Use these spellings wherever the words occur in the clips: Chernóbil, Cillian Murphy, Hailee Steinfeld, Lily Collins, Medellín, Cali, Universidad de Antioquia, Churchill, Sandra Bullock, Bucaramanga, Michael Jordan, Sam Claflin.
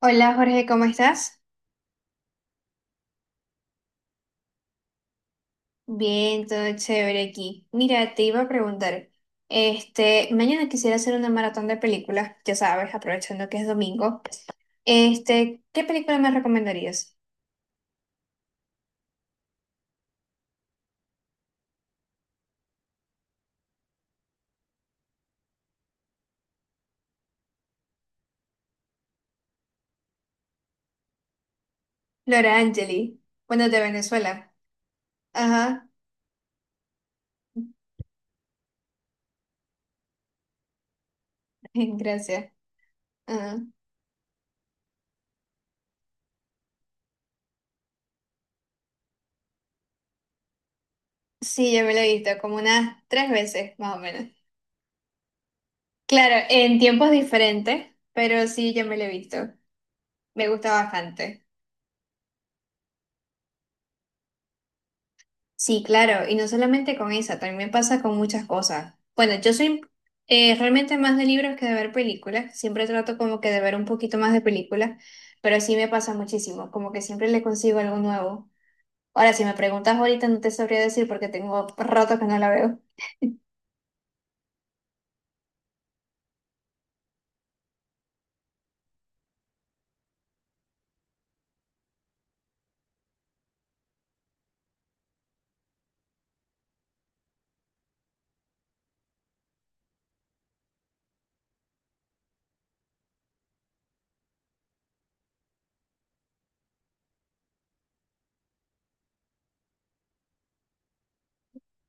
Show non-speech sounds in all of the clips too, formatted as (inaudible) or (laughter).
Hola Jorge, ¿cómo estás? Bien, todo chévere aquí. Mira, te iba a preguntar, mañana quisiera hacer una maratón de películas, ya sabes, aprovechando que es domingo. ¿Qué película me recomendarías? Laura Angeli, bueno, de Venezuela. Ajá, (laughs) gracias. Ajá. Sí, ya me la he visto como unas 3 veces, más o menos. Claro, en tiempos diferentes, pero sí, ya me la he visto. Me gusta bastante. Sí, claro, y no solamente con esa, también me pasa con muchas cosas. Bueno, yo soy realmente más de libros que de ver películas, siempre trato como que de ver un poquito más de películas, pero sí me pasa muchísimo, como que siempre le consigo algo nuevo. Ahora, si me preguntas ahorita, no te sabría decir porque tengo rato que no la veo.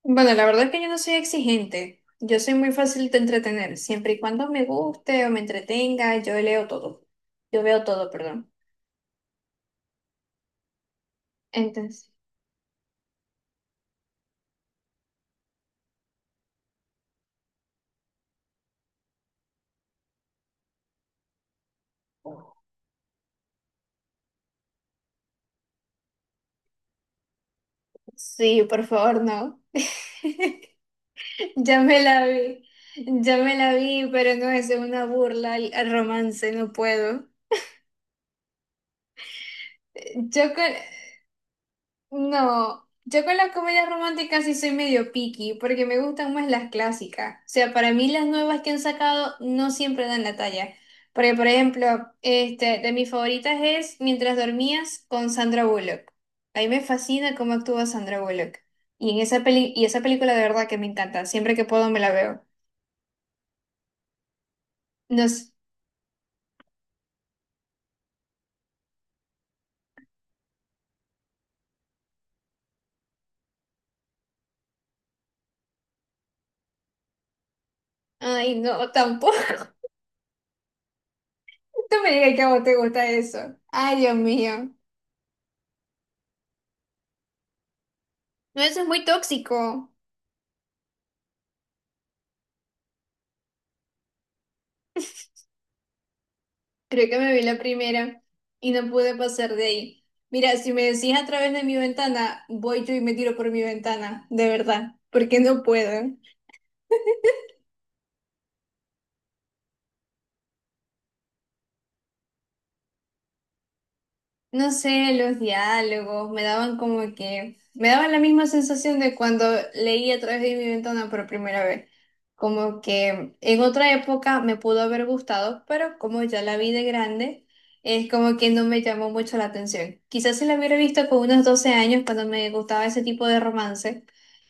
Bueno, la verdad es que yo no soy exigente, yo soy muy fácil de entretener, siempre y cuando me guste o me entretenga, yo leo todo, yo veo todo, perdón. Entonces, sí, por favor, no. Ya me la vi, ya me la vi, pero no es una burla al romance, no puedo. Yo con, no, yo con las comedias románticas sí soy medio picky, porque me gustan más las clásicas. O sea, para mí las nuevas que han sacado no siempre dan la talla. Porque, por ejemplo, de mis favoritas es Mientras Dormías con Sandra Bullock. A mí me fascina cómo actúa Sandra Bullock. Y en esa peli, y esa película de verdad que me encanta. Siempre que puedo me la veo. No sé- Ay, no, tampoco. Tú me digas que a vos te gusta eso. Ay, Dios mío. No, eso es muy tóxico. Creo que me vi la primera y no pude pasar de ahí. Mira, si me decís A través de mi ventana, voy yo y me tiro por mi ventana, de verdad, porque no puedo. No sé, los diálogos me daban como que, me daban la misma sensación de cuando leí A través de mi ventana por primera vez. Como que en otra época me pudo haber gustado, pero como ya la vi de grande, es como que no me llamó mucho la atención. Quizás si la hubiera visto con unos 12 años, cuando me gustaba ese tipo de romance.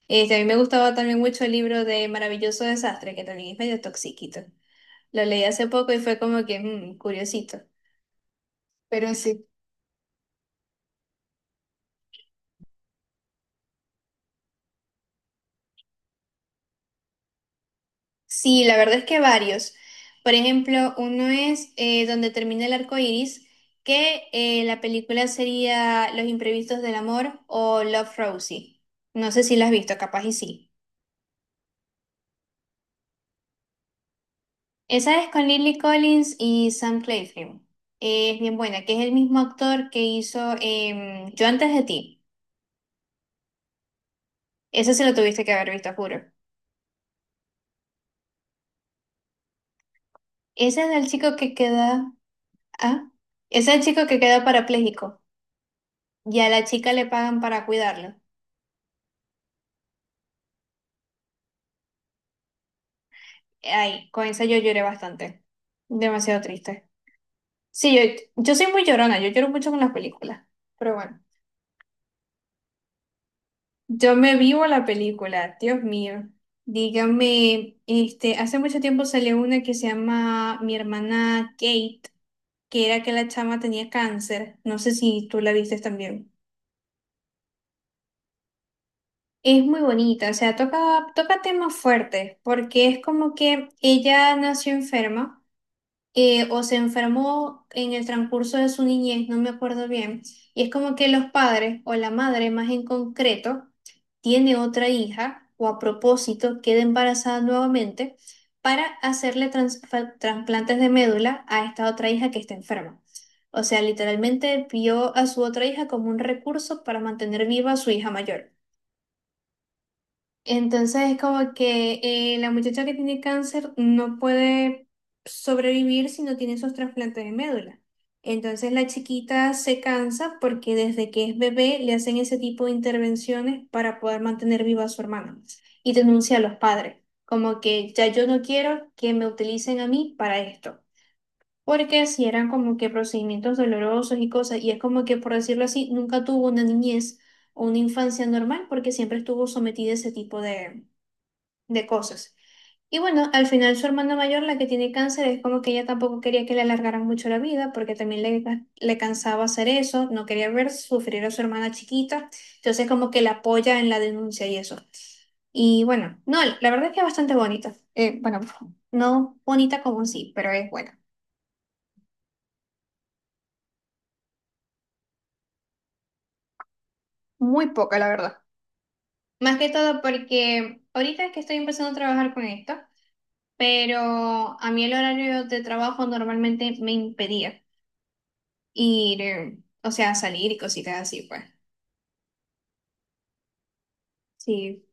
A mí me gustaba también mucho el libro de Maravilloso Desastre, que también es medio toxiquito. Lo leí hace poco y fue como que, curiosito. Pero sí, sí, la verdad es que varios. Por ejemplo, uno es donde termina el arco iris, que la película sería Los imprevistos del amor o Love Rosie. No sé si la has visto, capaz y sí. Esa es con Lily Collins y Sam Claflin. Es bien buena, que es el mismo actor que hizo Yo antes de ti. Esa se lo tuviste que haber visto, juro. Ese es el chico que queda. Ah, ese es el chico que queda parapléjico y a la chica le pagan para cuidarlo. Ay, con esa yo lloré bastante. Demasiado triste. Sí, yo soy muy llorona, yo lloro mucho con las películas. Pero bueno, yo me vivo la película, Dios mío. Dígame, hace mucho tiempo salió una que se llama Mi hermana Kate, que era que la chama tenía cáncer. No sé si tú la viste también. Es muy bonita, o sea, toca temas fuertes, porque es como que ella nació enferma. O se enfermó en el transcurso de su niñez, no me acuerdo bien. Y es como que los padres o la madre más en concreto tiene otra hija o a propósito queda embarazada nuevamente para hacerle trasplantes de médula a esta otra hija que está enferma. O sea, literalmente vio a su otra hija como un recurso para mantener viva a su hija mayor. Entonces es como que la muchacha que tiene cáncer no puede sobrevivir si no tiene esos trasplantes de médula. Entonces la chiquita se cansa porque desde que es bebé le hacen ese tipo de intervenciones para poder mantener viva a su hermana pues, y denuncia a los padres, como que ya yo no quiero que me utilicen a mí para esto. Porque si eran como que procedimientos dolorosos y cosas, y es como que por decirlo así, nunca tuvo una niñez o una infancia normal porque siempre estuvo sometida a ese tipo de cosas. Y bueno, al final su hermana mayor, la que tiene cáncer, es como que ella tampoco quería que le alargaran mucho la vida, porque también le cansaba hacer eso, no quería ver sufrir a su hermana chiquita, entonces como que la apoya en la denuncia y eso. Y bueno, no, la verdad es que es bastante bonita. Bueno, no bonita como sí, pero es buena. Muy poca, la verdad. Más que todo porque ahorita es que estoy empezando a trabajar con esto, pero a mí el horario de trabajo normalmente me impedía ir, o sea, salir y cositas así, pues. Sí,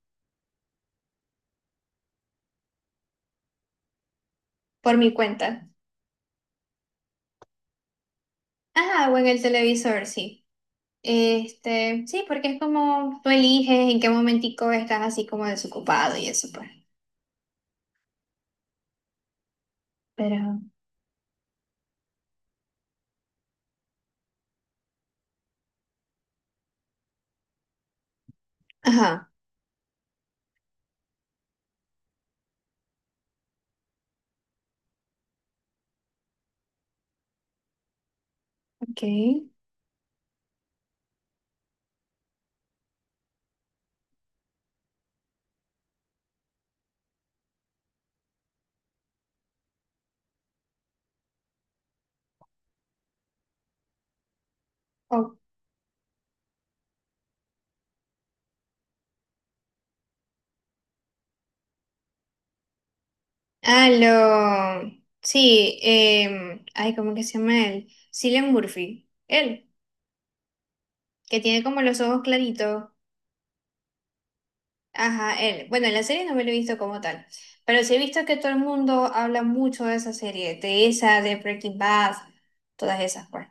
por mi cuenta. Ajá, o en el televisor, sí. Sí, porque es como tú eliges en qué momentico estás así como desocupado y eso, pues. Pero, ajá, ok. O- ah, lo, sí, ay, ¿cómo que se llama él? Cillian Murphy, él, que tiene como los ojos claritos. Ajá, él. Bueno, la serie no me la he visto como tal, pero sí he visto que todo el mundo habla mucho de esa serie, de Breaking Bad, todas esas, pues.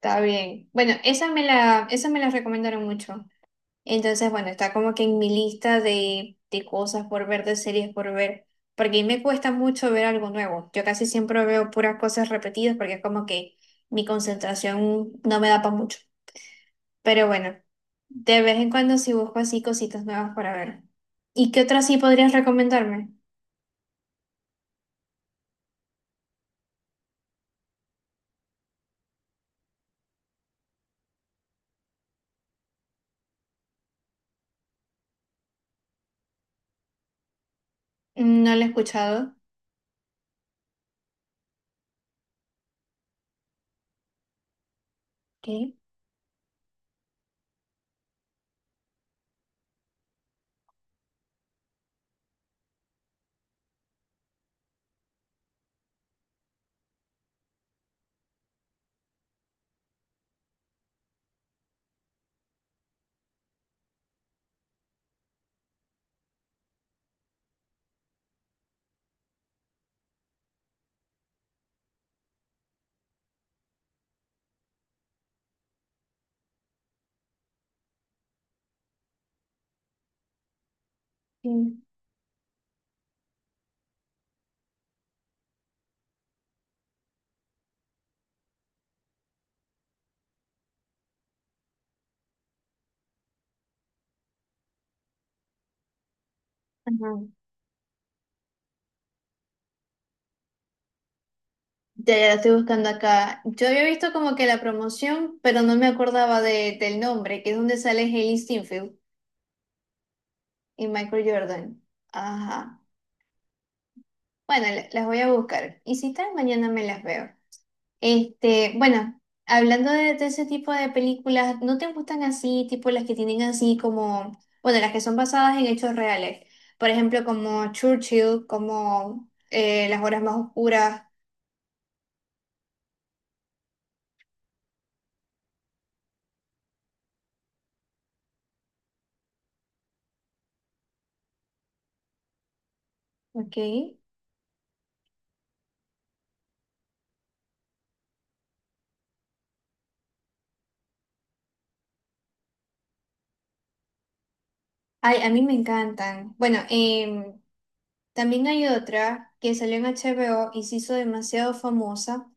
Está bien. Bueno, esa me la recomendaron mucho. Entonces, bueno, está como que en mi lista de cosas por ver, de series por ver, porque a mí me cuesta mucho ver algo nuevo. Yo casi siempre veo puras cosas repetidas porque es como que mi concentración no me da para mucho. Pero bueno, de vez en cuando sí busco así cositas nuevas para ver. ¿Y qué otra sí podrías recomendarme? Mm, no la he escuchado. ¿Qué? Mm, ajá. Ya, ya la estoy buscando acá. Yo había visto como que la promoción, pero no me acordaba de, del nombre, que es donde sale Hailee Steinfeld y Michael Jordan. Ajá. Bueno, las voy a buscar. Y si tal, mañana me las veo. Bueno, hablando de ese tipo de películas, ¿no te gustan así, tipo las que tienen así como, bueno, las que son basadas en hechos reales? Por ejemplo, como Churchill, como Las horas más oscuras. Ok. Ay, a mí me encantan. Bueno, también hay otra que salió en HBO y se hizo demasiado famosa,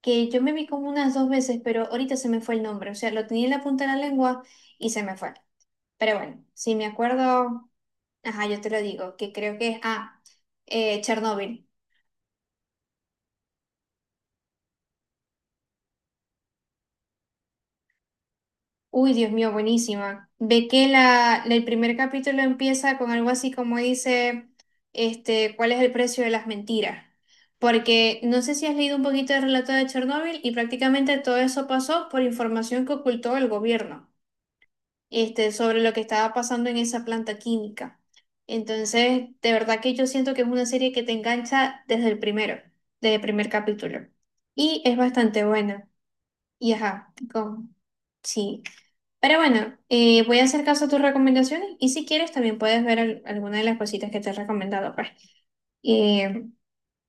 que yo me vi como unas 2 veces, pero ahorita se me fue el nombre. O sea, lo tenía en la punta de la lengua y se me fue. Pero bueno, si me acuerdo. Ajá, yo te lo digo, que creo que es, ah, Chernóbil. Uy, Dios mío, buenísima. Ve que el primer capítulo empieza con algo así como dice, ¿cuál es el precio de las mentiras? Porque no sé si has leído un poquito del relato de Chernóbil y prácticamente todo eso pasó por información que ocultó el gobierno, sobre lo que estaba pasando en esa planta química. Entonces, de verdad que yo siento que es una serie que te engancha desde el primero, desde el primer capítulo. Y es bastante buena. Y sí. Pero bueno, voy a hacer caso a tus recomendaciones y si quieres también puedes ver alguna de las cositas que te he recomendado, pues. Eh,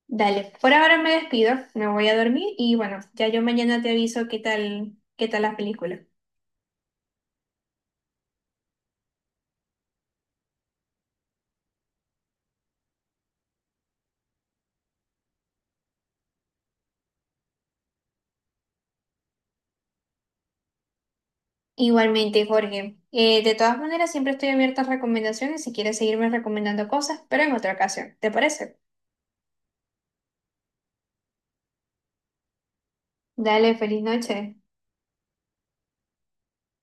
dale, por ahora me despido, me voy a dormir y bueno, ya yo mañana te aviso qué tal la película. Igualmente, Jorge. De todas maneras, siempre estoy abierta a recomendaciones si quieres seguirme recomendando cosas, pero en otra ocasión. ¿Te parece? Dale, feliz noche.